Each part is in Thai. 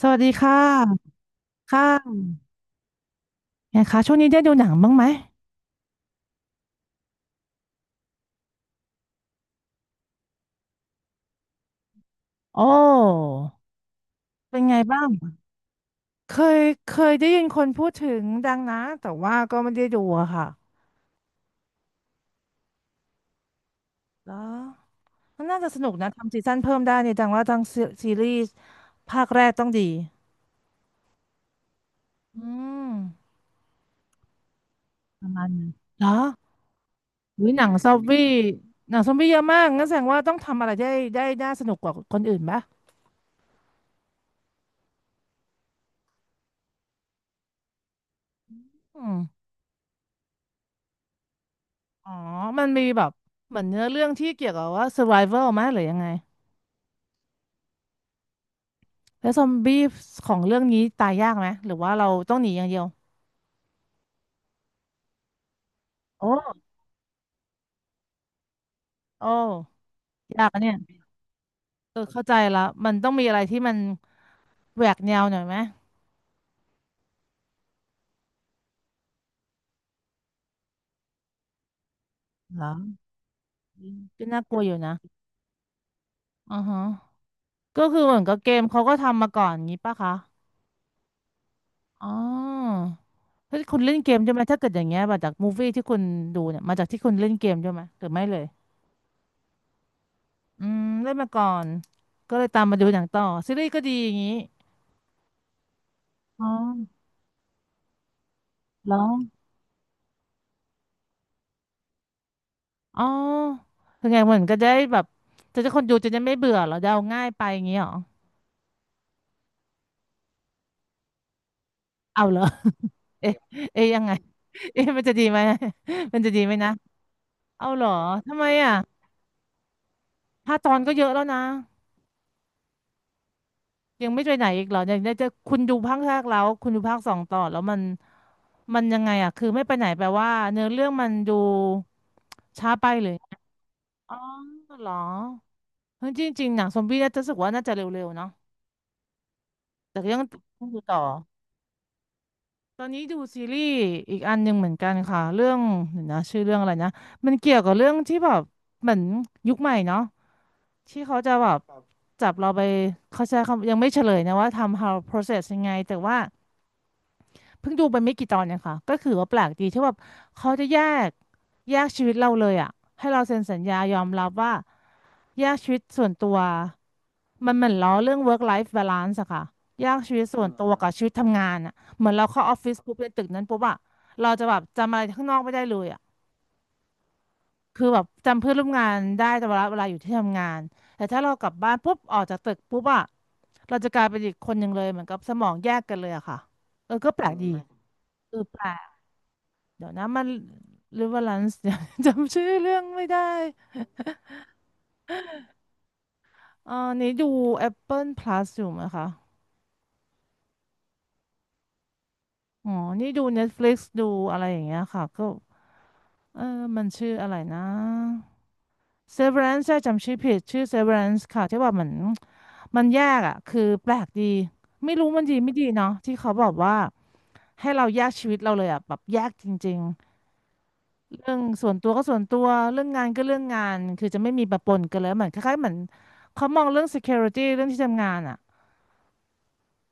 สวัสดีค่ะค่ะไงคะช่วงนี้ได้ดูหนังบ้างไหม โอ้ เป็นไงบ้าง เคยเคยได้ยินคนพูดถึงดังนะ แต่ว่าก็ไม่ได้ดูอะค่ะ แล้วมันน่าจะสนุกนะทำซีซั่นเพิ่มได้เนี่ยดังว่าทั้งซีซีรีส์ภาคแรกต้องดี อืมประมาณนั้นเหรออุ้ยหนังซอมบี้หนังซอมบี้เยอะมากงั้นแสดงว่าต้องทำอะไรได้ได้น่าสนุกกว่าคนอื่นปะอืมอ๋อ มันมีแบบเหมือนเนื้อเรื่องที่เกี่ยวกับว่า survival ไหมหรือยังไง แล้วซอมบี้ของเรื่องนี้ตายยากไหมหรือว่าเราต้องหนีอย่างเดียวโอ้โอ้ยากอะเนี่ยเออเข้าใจละมันต้องมีอะไรที่มันแหวกแนวหน่อยไหมเหรอก็น่ากลัวอยู่นะอือฮะก็คือเหมือนกับเกมเขาก็ทำมาก่อนงี้ป่ะคะอ๋อเฮ้ยคุณเล่นเกมใช่ไหมถ้าเกิดอย่างเงี้ยมาจากมูฟวี่ที่คุณดูเนี่ยมาจากที่คุณเล่นเกมใช่ไหมหรือไม่เลยอืมเล่นมาก่อนก็เลยตามมาดูหนังต่อซีรีส์ก็ดีอย่างงี้อ๋อเหรอ อ๋อคือไงเหมือนก็จะได้แบบจะได้คนดูจะได้ไม่เบื่อเหรอจะเอาง่ายไปอย่างงี้เหรอเอาเหรอ เอ๊ะเอ๊ะยังไงเอ๊ะมันจะดีไหม มันจะดีไหมนะเอาเหรอทำไมอ่ะ5 ตอนก็เยอะแล้วนะยังไม่ไปไหนอีกเหรอยังได้จะคุณดูภาคแรกแล้วคุณดูภาคสองต่อแล้วมันมันยังไงอ่ะคือไม่ไปไหนแปลว่าเนื้อเรื่องมันดูช้าไปเลยอ๋อเหรอเฮ้ยจริงๆหนังซอมบี้น่าจะรู้สึกว่าน่าจะเร็วๆเนาะแต่ก็ยังต้องดูต่อ ตอนนี้ดูซีรีส์อีกอันหนึ่งเหมือนกันค่ะเรื่องเดี๋ยวนะชื่อเรื่องอะไรนะมันเกี่ยวกับเรื่องที่แบบเหมือนยุคใหม่เนาะที่เขาจะแบบครับจับเราไปเขาใช้คำยังไม่เฉลยนะว่าทำ how process ยังไงแต่ว่า เพิ่งดูไปไม่กี่ตอนเนี่ยค่ะ ก็คือว่าแปลกดีที่แบบเขาจะกแยกชีวิตเราเลยอ่ะ ให้เราเซ็นสัญญายอมรับว่าแยกชีวิตส่วนตัว มันเหมือนล้อเรื่อง work life balance อะค่ะ แยกชีวิตส่วนตัวกับชีวิตทำงานอะเหมือนเราเข้าออฟฟิศปุ๊บในตึกนั้นปุ๊บอะเราจะแบบจำอะไรข้างนอกไม่ได้เลยอะคือแบบจำเพื่อนร่วมงานได้แต่เวลาอยู่ที่ทำงานแต่ถ้าเรากลับบ้านปุ๊บออกจากตึกปุ๊บอะเราจะกลายเป็นอีกคนหนึ่งเลยเหมือนกับสมองแยกกันเลยอะค่ะเออก็แปลกดีเออแปล เดี๋ยวนะมันริเวอรลันซ์เดี๋ยว จำชื่อเรื่องไม่ได้นี่ดู Apple Plus อยู่ไหมคะอ๋อนี่ดู Netflix ดูอะไรอย่างเงี้ยค่ะก็เออมันชื่ออะไรนะ Severance ใช่จำชื่อผิดชื่อ Severance ค่ะที่ว่าเหมือนมันแยกอ่ะคือแปลกดีไม่รู้มันดีไม่ดีเนาะที่เขาบอกว่าให้เราแยกชีวิตเราเลยอ่ะแบบแยกจริง เรื่องส่วนตัวก็ส่วนตัวเรื่องงานก็เรื่องงานคือจะไม่มีปะปนกันเลยเหมือนคล้ายๆเหมือนเขามองเรื่อง security เรื่องที่ทำงานอ่ะ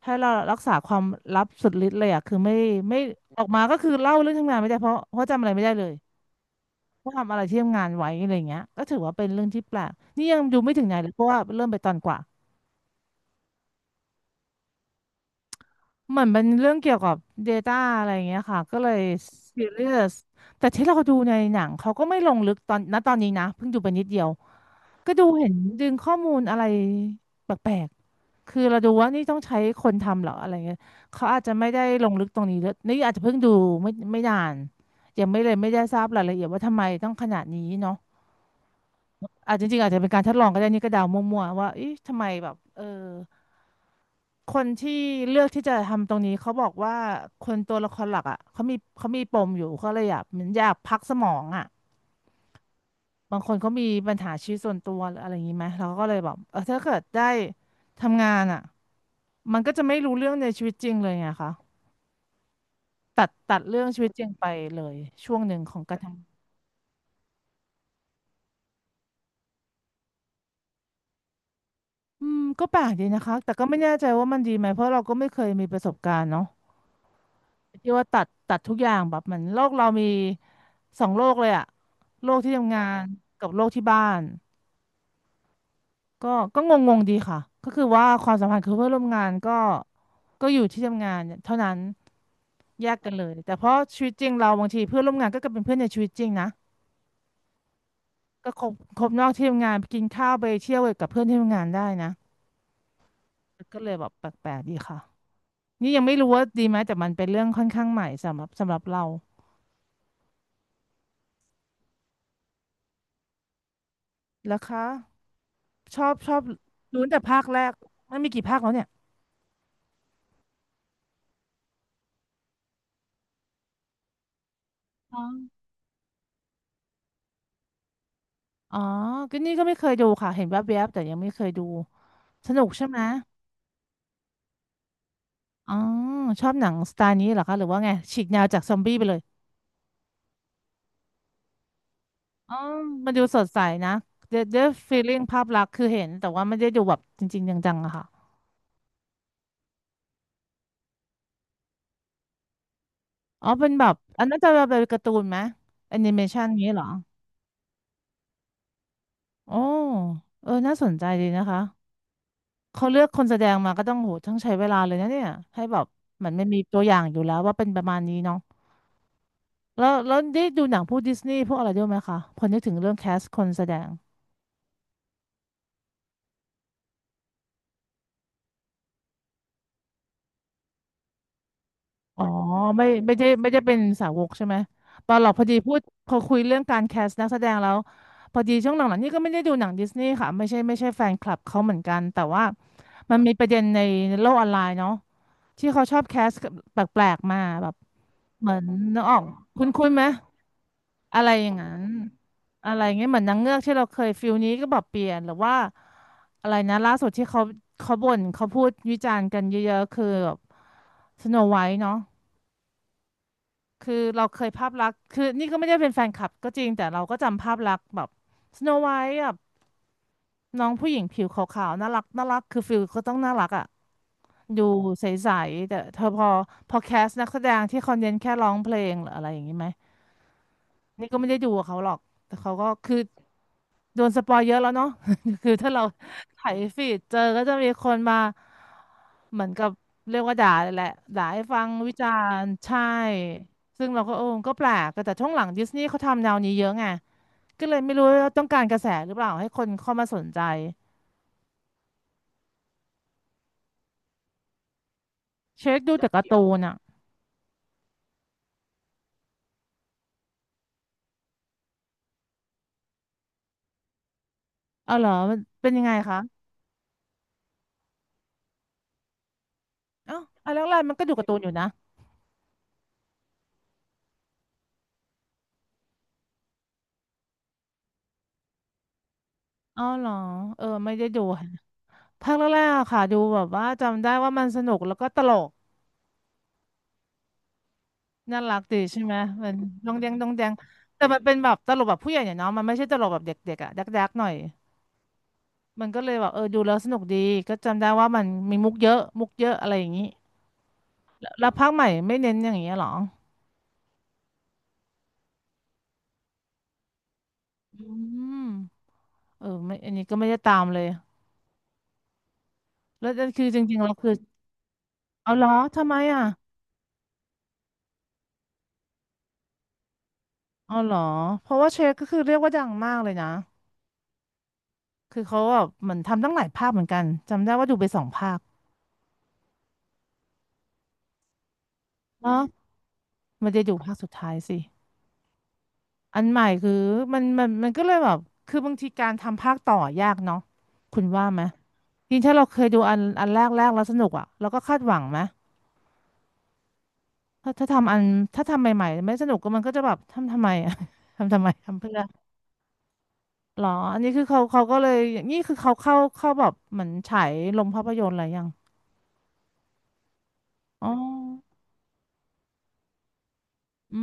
ให้เรารักษาความลับสุดฤทธิ์เลยอ่ะคือไม่ไม่ออกมาก็คือเล่าเรื่องทำงานไม่ได้เพราะจำอะไรไม่ได้เลยว่าทำอะไรที่ทำงานไว้อะไรเงี้ยก็ถือว่าเป็นเรื่องที่แปลกนี่ยังดูไม่ถึงไหนเลยเพราะว่าเริ่มไปตอนกว่าเหมือนเป็นเรื่องเกี่ยวกับ Data อะไรอย่างเงี้ยค่ะก็เลย s e เร o ยสแต่ที่เราดูในหนังเขาก็ไม่ลงลึกตอนณตอนนี้นะเพิ่งดูไปนิดเดียว ก็ดูเห็นดึงข้อมูลอะไรแปลกๆคือเราดูว่านี่ต้องใช้คนทำเหรออะไรเงี้ยเขาอาจจะไม่ได้ลงลึกตรงนี้เลยนี่อาจจะเพิ่งดูไม่นานยังไม่เลยไม่ได้ทราบรายละเอียดว่าทำไมต้องขนาดนี้เนาะอาจจริงๆอาจจะเป็นการทดลองก็ได้นี่ก็เดามั่วๆว่าเอ๊ะทำไมแบบเออคนที่เลือกที่จะทำตรงนี้เขาบอกว่าคนตัวละครหลักอ่ะเขามีปมอยู่เขาเลยอยากเหมือนอยากพักสมองอ่ะ บางคนเขามีปัญหาชีวิตส่วนตัวหรืออะไรอย่างนี้ไหมเราก็เลยบอกเออถ้าเกิดได้ทำงานอ่ะมันก็จะไม่รู้เรื่องในชีวิตจริงเลยไงคะตัดเรื่องชีวิตจริงไปเลยช่วงหนึ่งของการทำอืมก็แปลกดีนะคะแต่ก็ไม่แน่ใจว่ามันดีไหมเพราะเราก็ไม่เคยมีประสบการณ์เนาะที่ว่าตัดทุกอย่างแบบเหมือนโลกเรามีสองโลกเลยอะโลกที่ทำงานกับโลกที่บ้านก็ก็งงๆดีค่ะก็คือว่าความสัมพันธ์คือเพื่อนร่วมงานก็อยู่ที่ทำงานเท่านั้น แยกกันเลยแต่เพราะชีวิตจริงเราบางทีเพื่อนร่วมงานก็เป็นเพื่อนในชีวิตจริงนะก็คบนอกที่ทำงานไปกินข้าวไปเที่ยวกับเพื่อนที่ทำงานได้นะก็เลยแบบแปลกๆดีค่ะนี่ยังไม่รู้ว่าดีไหมแต่มันเป็นเรื่องค่อนข้างใหม่สำหรับเราแล้วคะชอบรู้แต่ภาคแรกมันมีกี่ภาคแล้วเนี่ยอ๋ออ๋อก็นี่ก็ไม่เคยดูค่ะเห็นแวบๆแต่ยังไม่เคยดูสนุกใช่ไหมอ๋อชอบหนังสไตล์นี้เหรอคะหรือว่าไงฉีกแนวจากซอมบี้ไปเลย อ๋อมันดูสดใสนะเดดฟีลิ่งภาพลักษณ์คือเห็น แต่ว่าไม่ได้ดูแบบจริงๆจังๆอะค่ะ อ๋อเป็นแบบอันนั้นจะเป็นการ์ตูนไหมแอนิเมชันนี้เหรอโอ้เออน่าสนใจดีนะคะเขาเลือกคนแสดงมาก็ต้องโหต้องใช้เวลาเลยนะเนี่ยให้แบบเหมันไม่มีตัวอย่างอยู่แล้วว่าเป็นประมาณนี้เนาะแล้วได้ดูหนังพวกดิสนีย์พวกอะไรด้วยไหมคะพอนึกถึงเรื่องแคสคนแสดง อ๋อไม่ไม่ใช่เป็นสาวกใช่ไหมตอนหลอกพอดีพูดพอคุยเรื่องการแคสต์นักแสดงแล้วพอดีช่วงหลังๆนี่ก็ไม่ได้ดูหนังดิสนีย์ค่ะไม่ใช่แฟนคลับเขาเหมือนกันแต่ว่ามันมีประเด็นในโลกออนไลน์เนาะที่เขาชอบแคสต์แปลกๆมาแบบเหมือนนึกออกคุ้นคุ้นไหมอะไรอย่างนั้นอะไรเงี้ยเหมือนนางเงือกที่เราเคยฟิลนี้ก็แบบเปลี่ยนหรือว่าอะไรนะล่าสุดที่เขาบ่นเขาพูดวิจารณ์กันเยอะๆคือแบบสโนไวท์เนาะ คือเราเคยภาพลักษณ์คือนี่ก็ไม่ได้เป็นแฟนคลับก็จริงแต่เราก็จำภาพลักษณ์แบบสโนไวท์แบบน้องผู้หญิงผิวขาวๆน่ารักคือฟิลก็ต้องน่ารักอ่ะดูใสๆแต่เธอพอแคสนักแสดงที่เขาเน้นแค่ร้องเพลงหรืออะไรอย่างนี้ไหม นี่ก็ไม่ได้ดูกับเขาหรอก แต่เขาก็คือโดนสปอยเยอะแล้วเนาะ คือถ้าเราไถฟีดเจอก็จะมีคนมาเหมือนกับเรียกว่าด่าเลยแหละด่าให้ฟังวิจารณ์ใช่ ซึ่งเราก็เออก็แปลก แต่ช่วงหลังดิสนีย์เขาทำแนวนี้เยอะไง ก็เลยไม่รู้ว่าต้องการกระแสหรือเปล่าให้คนเข้ามาสนใจ เช็คดูแต่การ์ตูนอ่ะเอาเหรอมันเป็นยังไงคะเอ้าอันแรกๆมันก็ดูการ์ตูนอยู่นะอ๋อเหรอเออไม่ได้ดู ภาคแรกๆอะค่ะดูแบบว่าจำได้ว่ามันสนุกแล้วก็ตลกน่ารักดีใช่ไหมมันดองแดงแต่มันเป็นแบบตลกแบบผู้ใหญ่เนี่ยเนาะมันไม่ใช่ตลกแบบเด็กๆอะดักดักๆหน่อยมันก็เลยแบบเออดูแล้วสนุกดีก็จำได้ว่ามันมีมุกเยอะอะไรอย่างนี้แล้วภาคใหม่ไม่เน้นอย่างเงี้ยเหรออืมเออไม่อันนี้ก็ไม่ได้ตามเลยแล้วนั่นคือจริงๆเราคือเอาเหรอทำไมอ่ะเอาเหรอเพราะว่าเชฟก็คือเรียกว่าดังมากเลยนะคือเขาแบบเหมือนทำตั้งหลายภาคเหมือนกันจำได้ว่าดูไปสองภาคเนาะ มันจะอยู่ภาคสุดท้ายสิอันใหม่คือมันก็เลยแบบคือบางทีการทำภาคต่อยากเนาะคุณว่าไหมจริงถ้าเราเคยดูอันแรกแล้วสนุกอ่ะเราก็คาดหวังไหมถ้าทำอันถ้าทำใหม่ๆไม่สนุกก็มันก็จะแบบทำทำไมอ่ะ ทำทำไมทำเพื่อหรออันนี้คือเขาก็เลยนี่คือเขาเข้าแบบเหมือนฉายลงภาพยนตร์อะไรยังอ๋ออื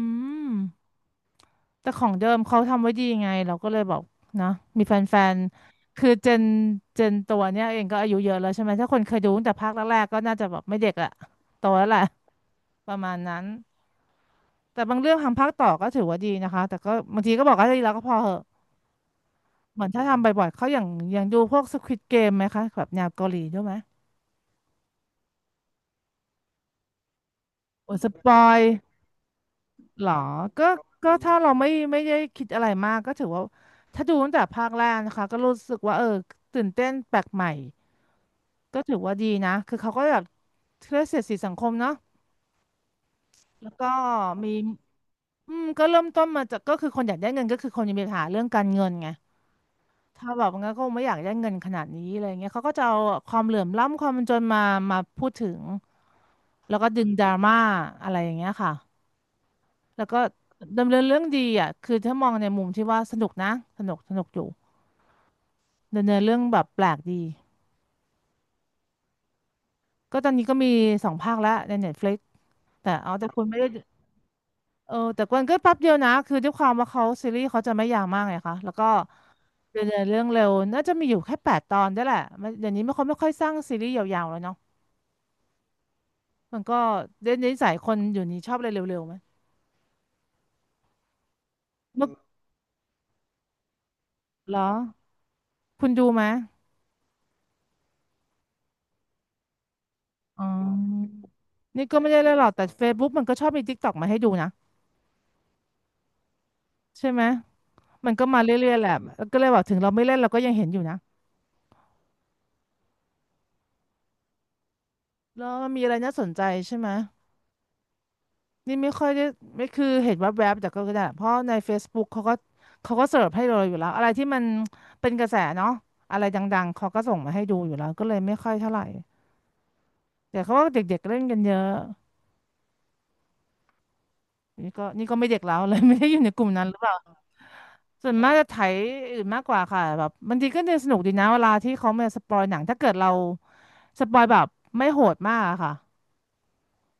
ม แต่ของเดิมเขาทำไว้ดีไงเราก็เลยบอกนะมีแฟนๆคือเจนตัวเนี้ยเองก็อายุเยอะแล้วใช่ไหมถ้าคนเคยดูตั้งแต่ภาคแรกๆก็น่าจะแบบไม่เด็กละโตแล้วแหละประมาณนั้นแต่บางเรื่องทำภาคต่อก็ถือว่าดีนะคะแต่ก็บางทีก็บอกว่าดีแล้วก็พอเหอะเหมือนถ้าทำบ่อยๆเขาอย่างดูพวก Squid Game ไหมคะแบบแนวเกาหลีด้วยไหมโอ้สปอยเหรอก็ก็ถ้าเราไม่ได้คิดอะไรมากก็ถือว่าถ้าดูตั้งแต่ภาคแรกนะคะก็รู้สึกว่าเออตื่นเต้นแปลกใหม่ ก็ถือว่าดีนะคือเขาก็แบบเครื่เสียดสีสังคมเนาะแล้วก็มีอืมก็เริ่มต้นมาจากก็คือคนอยากได้เงินก็คือคนยังมีปัญหาเรื่องการเงินไงถ้าแบบงั้นก็คงไม่อยากได้เงินขนาดนี้อะไรเงี้ยเขาก็จะเอาความเหลื่อมล้ำความจนมามาพูดถึงแล้วก็ดึงดราม่าอะไรอย่างเงี้ยค่ะแล้วก็ดำเนินเรื่องดีอ่ะคือถ้ามองในมุมที่ว่าสนุกนะสนุกอยู่ดำเนินเรื่องแบบแปลกดีก็ตอนนี้ก็มีสองภาคแล้วใน Netflix แต่เอาแต่คุณไม่ได้ เออแต่มันก็แป๊บเดียวนะคือด้วยความว่าเขาซีรีส์เขาจะไม่ยาวมากไงคะแล้วก็ดำเนินเรื่องเร็วน่าจะมีอยู่แค่8 ตอนได้แหละมันเดี๋ยวนี้ไม่ค่อยสร้างซีรีส์ยาวๆแล้วเนาะมันก็เดี๋ยวนี้สายคนอยู่นี้ชอบอะไรเร็วๆไหมเมื่อเหรอคุณดูไหมอ๋อนี่ก็ไม่ได้เลยหรอกแต่ Facebook มันก็ชอบมี TikTok มาให้ดูนะใช่ไหมมันก็มาเรื่อยๆแหละก็เลยบอกถึงเราไม่เล่นเราก็ยังเห็นอยู่นะแล้วมันมีอะไรน่าสนใจใช่ไหม นี่ไม่ค่อยได้ไม่คือเห็นแวบๆแต่ก็ได้เพราะใน Facebook เขาก็เสิร์ฟให้เราอยู่แล้วอะไรที่มันเป็นกระแสเนาะอะไรดังๆเขาก็ส่งมาให้ดูอยู่แล้วก็เลยไม่ค่อยเท่าไหร่แต่เขาว่าเด็กๆเล่นกันเยอะนี่ก็ไม่เด็กแล้วเลย ไม่ได้อยู่ในกลุ่มนั้นหรือเปล่าส่วนมากจะไถอื่นมากกว่าค่ะแบบบางทีก็เนี่ยสนุกดีนะเวลาที่เขามาสปอยหนังถ้าเกิดเราสปอยแบบไม่โหดมากอะค่ะ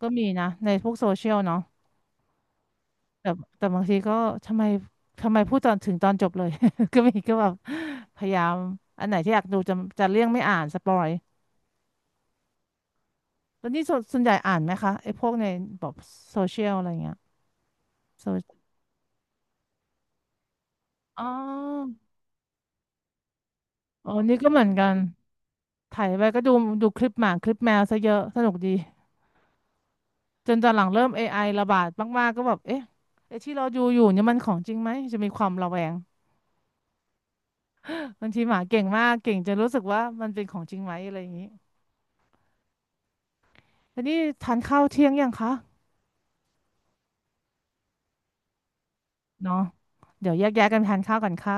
ก็มีนะในพวกโซเชียลเนาะ แต่แต่บางทีก็ทำไมทำไมพูดตอนถึงตอนจบเลย ก็มีก็แบบพยายามอันไหนที่อยากดูจะเลี่ยงไม่อ่านสปอยแล้วนี่ส่วนใหญ่อ่านไหมคะไอ้พวกในแบบโซเชียลอะไรเงี้ยโซอ๋ออ๋อนี่ก็เหมือนกันไถ่ายไปก็ดูดูคลิปหมาคลิปแมวซะเยอะสนุกดีจนตอนหลังเริ่ม AI ระบาดมากๆก็แบบเอ๊ะไอ้ที่เราดูอยู่เนี่ยมันของจริงไหมจะมีความระแวงบางทีหมาเก่งมากเก่งจนรู้สึกว่ามันเป็นของจริงไหมอะไรอย่างนี้แล้วนี่ทานข้าวเที่ยงยังคะ เนาะเดี๋ยวแยกย้ายกันทานข้าวกันค่ะ